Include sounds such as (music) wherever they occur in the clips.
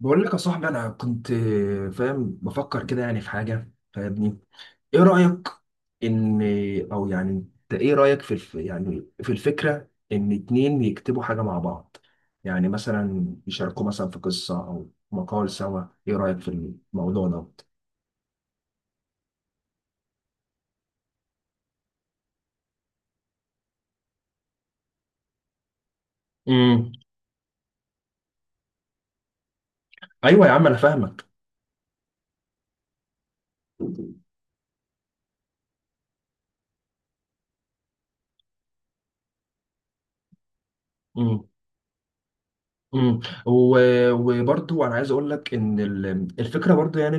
بقول لك يا صاحبي، انا كنت فاهم بفكر كده، يعني في حاجه فاهمني. ايه رايك ان او يعني انت ايه رايك في الف يعني في الفكره ان اتنين يكتبوا حاجه مع بعض؟ يعني مثلا يشاركوا مثلا في قصه او مقال سوا. ايه رايك في الموضوع ده؟ امم ايوه يا عم انا فاهمك. امم وبرضو انا عايز اقول لك ان الفكره برضو، يعني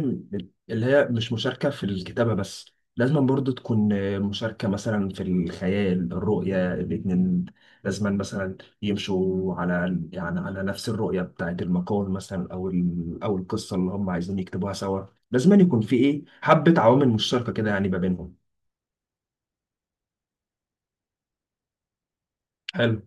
اللي هي مش مشاركه في الكتابه بس، لازم برضو تكون مشاركه مثلا في الخيال الرؤيه الاتنين. لازم مثلا يمشوا على، يعني على نفس الرؤيه بتاعت المقال مثلا، او القصه اللي هم عايزين يكتبوها سوا. لازم يكون في ايه حبه عوامل مشتركه كده، يعني ما بينهم. حلو.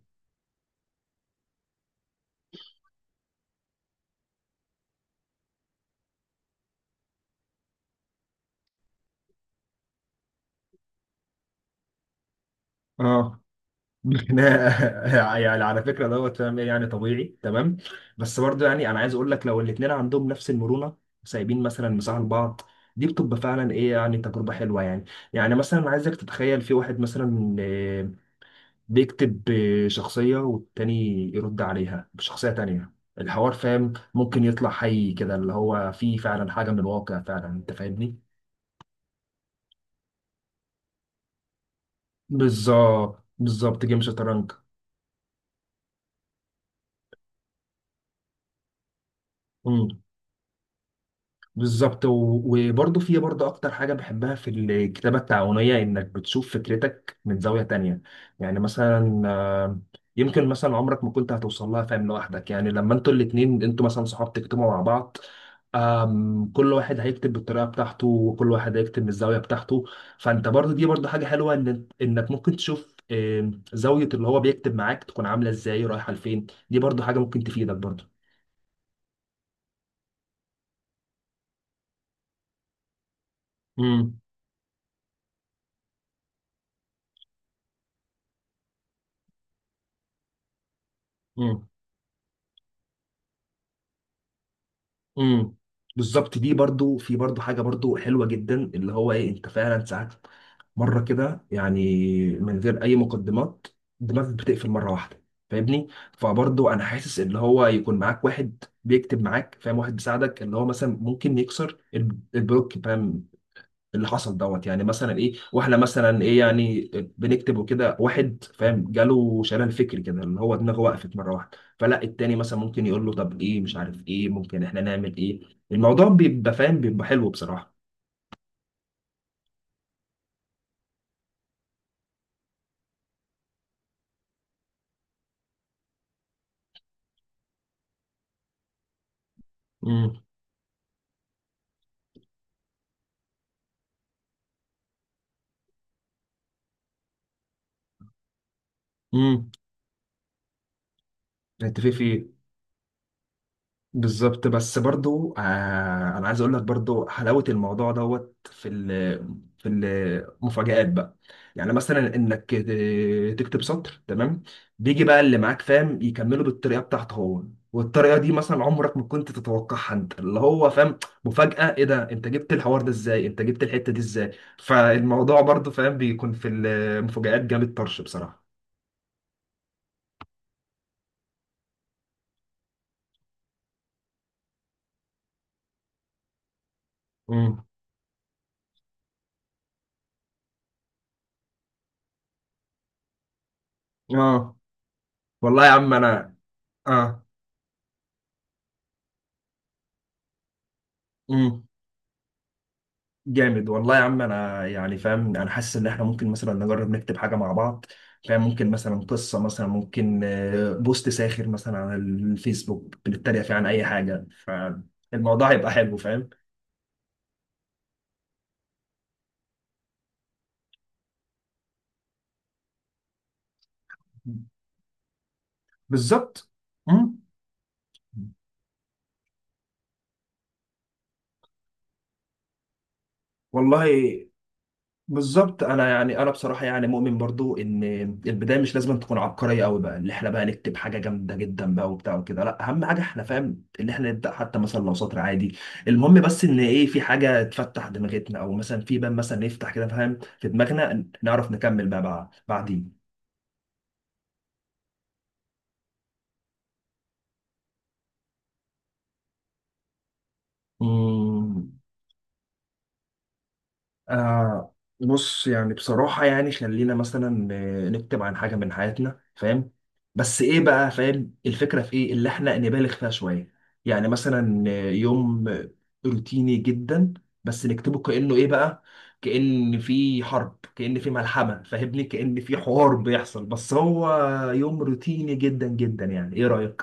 اه. (laughs) يعني على فكره دوت، فاهم؟ ايه يعني طبيعي تمام. بس برضه يعني انا عايز اقول لك، لو الاثنين عندهم نفس المرونه سايبين مثلا مساحه لبعض، دي بتبقى فعلا ايه يعني تجربه حلوه يعني. يعني مثلا عايزك تتخيل في واحد مثلا بيكتب شخصيه، والتاني يرد عليها بشخصيه تانيه. الحوار فاهم ممكن يطلع حي كده، اللي هو فيه فعلا حاجه من الواقع فعلا، انت فاهمني؟ بالظبط بالظبط، جيم شطرنج. بالظبط. وبرضه في برضه اكتر حاجه بحبها في الكتابه التعاونيه، انك بتشوف فكرتك من زاويه تانية. يعني مثلا يمكن مثلا عمرك ما كنت هتوصل لها فاهم لوحدك، يعني لما انتوا الاتنين انتوا مثلا صحاب تكتبوا مع بعض. كل واحد هيكتب بالطريقه بتاعته، وكل واحد هيكتب من الزاويه بتاعته. فانت برضه دي برضه حاجه حلوه، ان انك ممكن تشوف زاويه اللي هو بيكتب معاك تكون عامله ازاي، رايحه لفين. دي برضه حاجه ممكن تفيدك برضه. امم. امم. بالظبط. دي برضو في برضو حاجه برضو حلوه جدا، اللي هو ايه، انت فعلا ساعات مره كده يعني من غير اي مقدمات دماغك بتقفل مره واحده، فاهمني؟ فبرضو انا حاسس ان هو يكون معاك واحد بيكتب معاك فاهم، واحد بيساعدك اللي هو مثلا ممكن يكسر البلوك فاهم. اللي حصل دوت، يعني مثلا ايه، واحنا مثلا ايه يعني بنكتب وكده، واحد فاهم جاله شلل فكري كده، اللي هو دماغه وقفت مره واحده، فلا التاني مثلا ممكن يقول له طب ايه، مش عارف ايه ممكن احنا نعمل ايه. الموضوع بيبقى فاهم بيبقى حلو بصراحه. امم. امم. انت في في بالظبط. بس برضو انا عايز اقول لك برضو حلاوه الموضوع دوت في ال في المفاجآت بقى. يعني مثلا انك تكتب سطر تمام، بيجي بقى اللي معاك فاهم يكمله بالطريقه بتاعته هو. والطريقه دي مثلا عمرك ما كنت تتوقعها انت اللي هو فاهم. مفاجاه، ايه ده، انت جبت الحوار ده ازاي، انت جبت الحته دي ازاي. فالموضوع برضو فاهم بيكون في المفاجآت جامد طرش بصراحه. امم. اه والله يا عم انا. اه جامد والله يا عم انا يعني فاهم، انا حاسس ان احنا ممكن مثلا نجرب نكتب حاجه مع بعض فاهم. ممكن مثلا قصه، مثلا ممكن بوست ساخر مثلا على الفيسبوك بنتريق فيه عن اي حاجه. فالموضوع هيبقى حلو فاهم. بالظبط. مم. والله بالظبط انا يعني انا بصراحه يعني مؤمن برضو ان البدايه مش لازم تكون عبقريه قوي بقى، اللي احنا بقى نكتب حاجه جامده جدا بقى وبتاع وكده، لا اهم حاجه احنا فاهم ان احنا نبدا حتى مثلا لو سطر عادي. المهم بس ان ايه في حاجه تفتح دماغتنا، او مثلا في باب مثلا يفتح كده فاهم، في دماغنا نعرف نكمل بقى بعدين. مم. آه بص يعني بصراحة يعني خلينا مثلا نكتب عن حاجة من حياتنا فاهم. بس ايه بقى فاهم الفكرة، في ايه اللي احنا نبالغ فيها شوية. يعني مثلا يوم روتيني جدا، بس نكتبه كأنه ايه بقى، كأن في حرب، كأن في ملحمة، فاهمني؟ كأن في حوار بيحصل، بس هو يوم روتيني جدا جدا. يعني ايه رأيك؟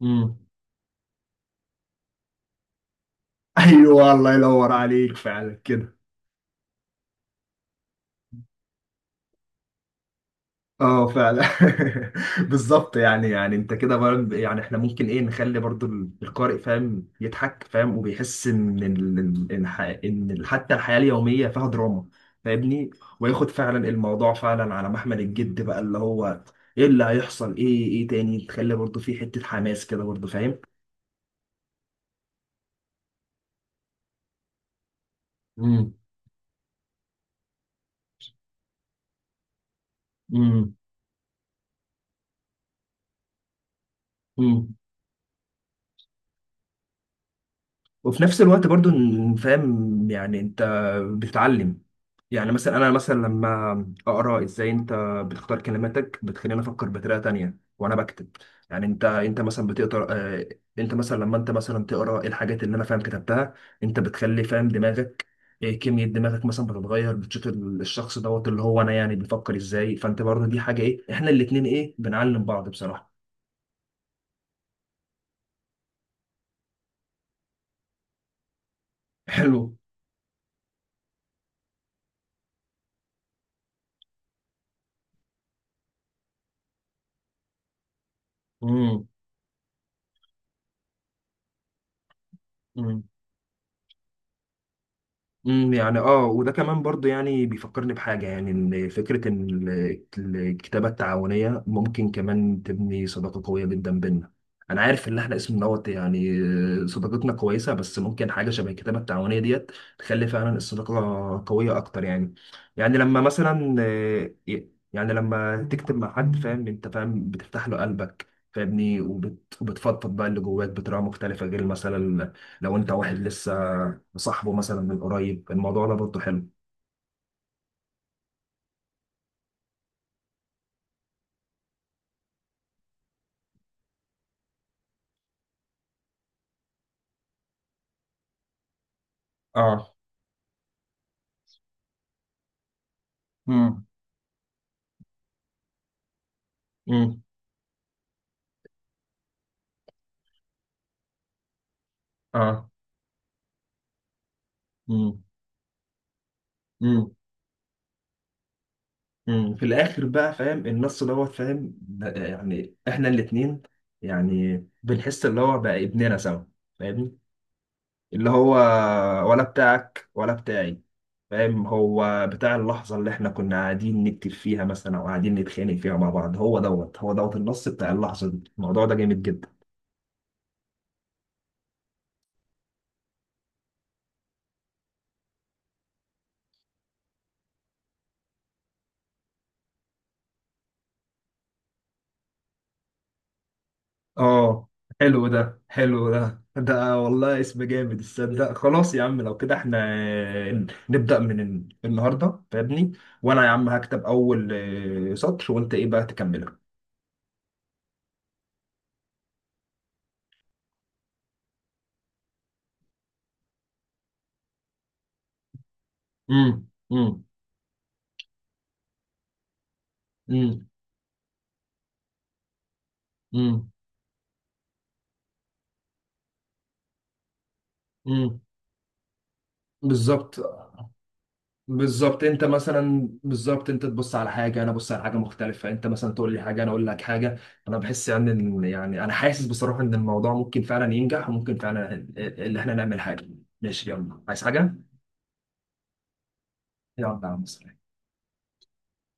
مم. (laughs) ايوه الله ينور عليك فعلا كده. اه فعلا. (laughs) بالظبط. يعني انت كده يعني احنا ممكن ايه نخلي برضو القارئ فاهم يضحك فاهم، وبيحس ان حتى الحياة اليومية فيها دراما، فاهمني؟ وياخد فعلا الموضوع فعلا على محمل الجد بقى، اللي هو ايه اللي هيحصل، ايه ايه تاني تخلي برضو في حتة حماس كده برضو فاهم. امم. امم. وفي نفس الوقت برضو فاهم يعني انت بتتعلم. يعني مثلا انا مثلا لما اقرا ازاي انت بتختار كلماتك بتخليني افكر بطريقه تانية وانا بكتب. يعني انت مثلا بتقرا انت مثلا لما انت مثلا تقرا إيه الحاجات اللي انا فاهم كتبتها، انت بتخلي فاهم دماغك كمية دماغك مثلا بتتغير، بتشوف الشخص دوت اللي هو انا يعني بيفكر ازاي. فانت برضه دي حاجة ايه، احنا الاتنين ايه بنعلم بعض بصراحة. (laughs) حلو. امم. امم. يعني اه، وده كمان برضو يعني بيفكرني بحاجة، يعني ان فكرة ان الكتابة التعاونية ممكن كمان تبني صداقة قوية جدا بينا. انا عارف ان احنا اسم دوت يعني صداقتنا كويسة، بس ممكن حاجة شبه الكتابة التعاونية ديت تخلي فعلا الصداقة قوية اكتر يعني. يعني لما مثلا يعني لما تكتب مع حد فاهم انت فاهم بتفتح له قلبك فاهمني، وبتفضفض بقى اللي جواك بطريقة مختلفة، غير مثلا لو انت واحد لسه صاحبه مثلا من قريب. الموضوع ده برضه حلو. اه. امم. امم. اه. امم. امم. في الاخر بقى فاهم النص دوت فاهم يعني احنا الاتنين يعني بنحس اللي هو بقى ابننا سوا فاهمني. اللي هو ولا بتاعك ولا بتاعي، فاهم؟ هو بتاع اللحظة اللي احنا كنا قاعدين نكتب فيها مثلا، او قاعدين نتخانق فيها مع بعض. هو دوت هو دوت النص بتاع اللحظة دي. الموضوع ده جامد جدا. اه. حلو ده حلو ده والله اسم جامد، تصدق. خلاص يا عم لو كده احنا نبدأ من النهارده فاهمني. وانا يا عم هكتب اول سطر، وانت ايه بقى تكمله. امم. امم. امم. امم. امم. بالظبط بالظبط. انت مثلا بالظبط انت تبص على حاجه انا ابص على حاجه مختلفه، انت مثلا تقول لي حاجه انا اقول لك حاجه. انا بحس يعني ان يعني انا حاسس بصراحه ان الموضوع ممكن فعلا ينجح، وممكن فعلا ان احنا نعمل حاجه. ماشي، يلا عايز حاجه. يلا يا عم.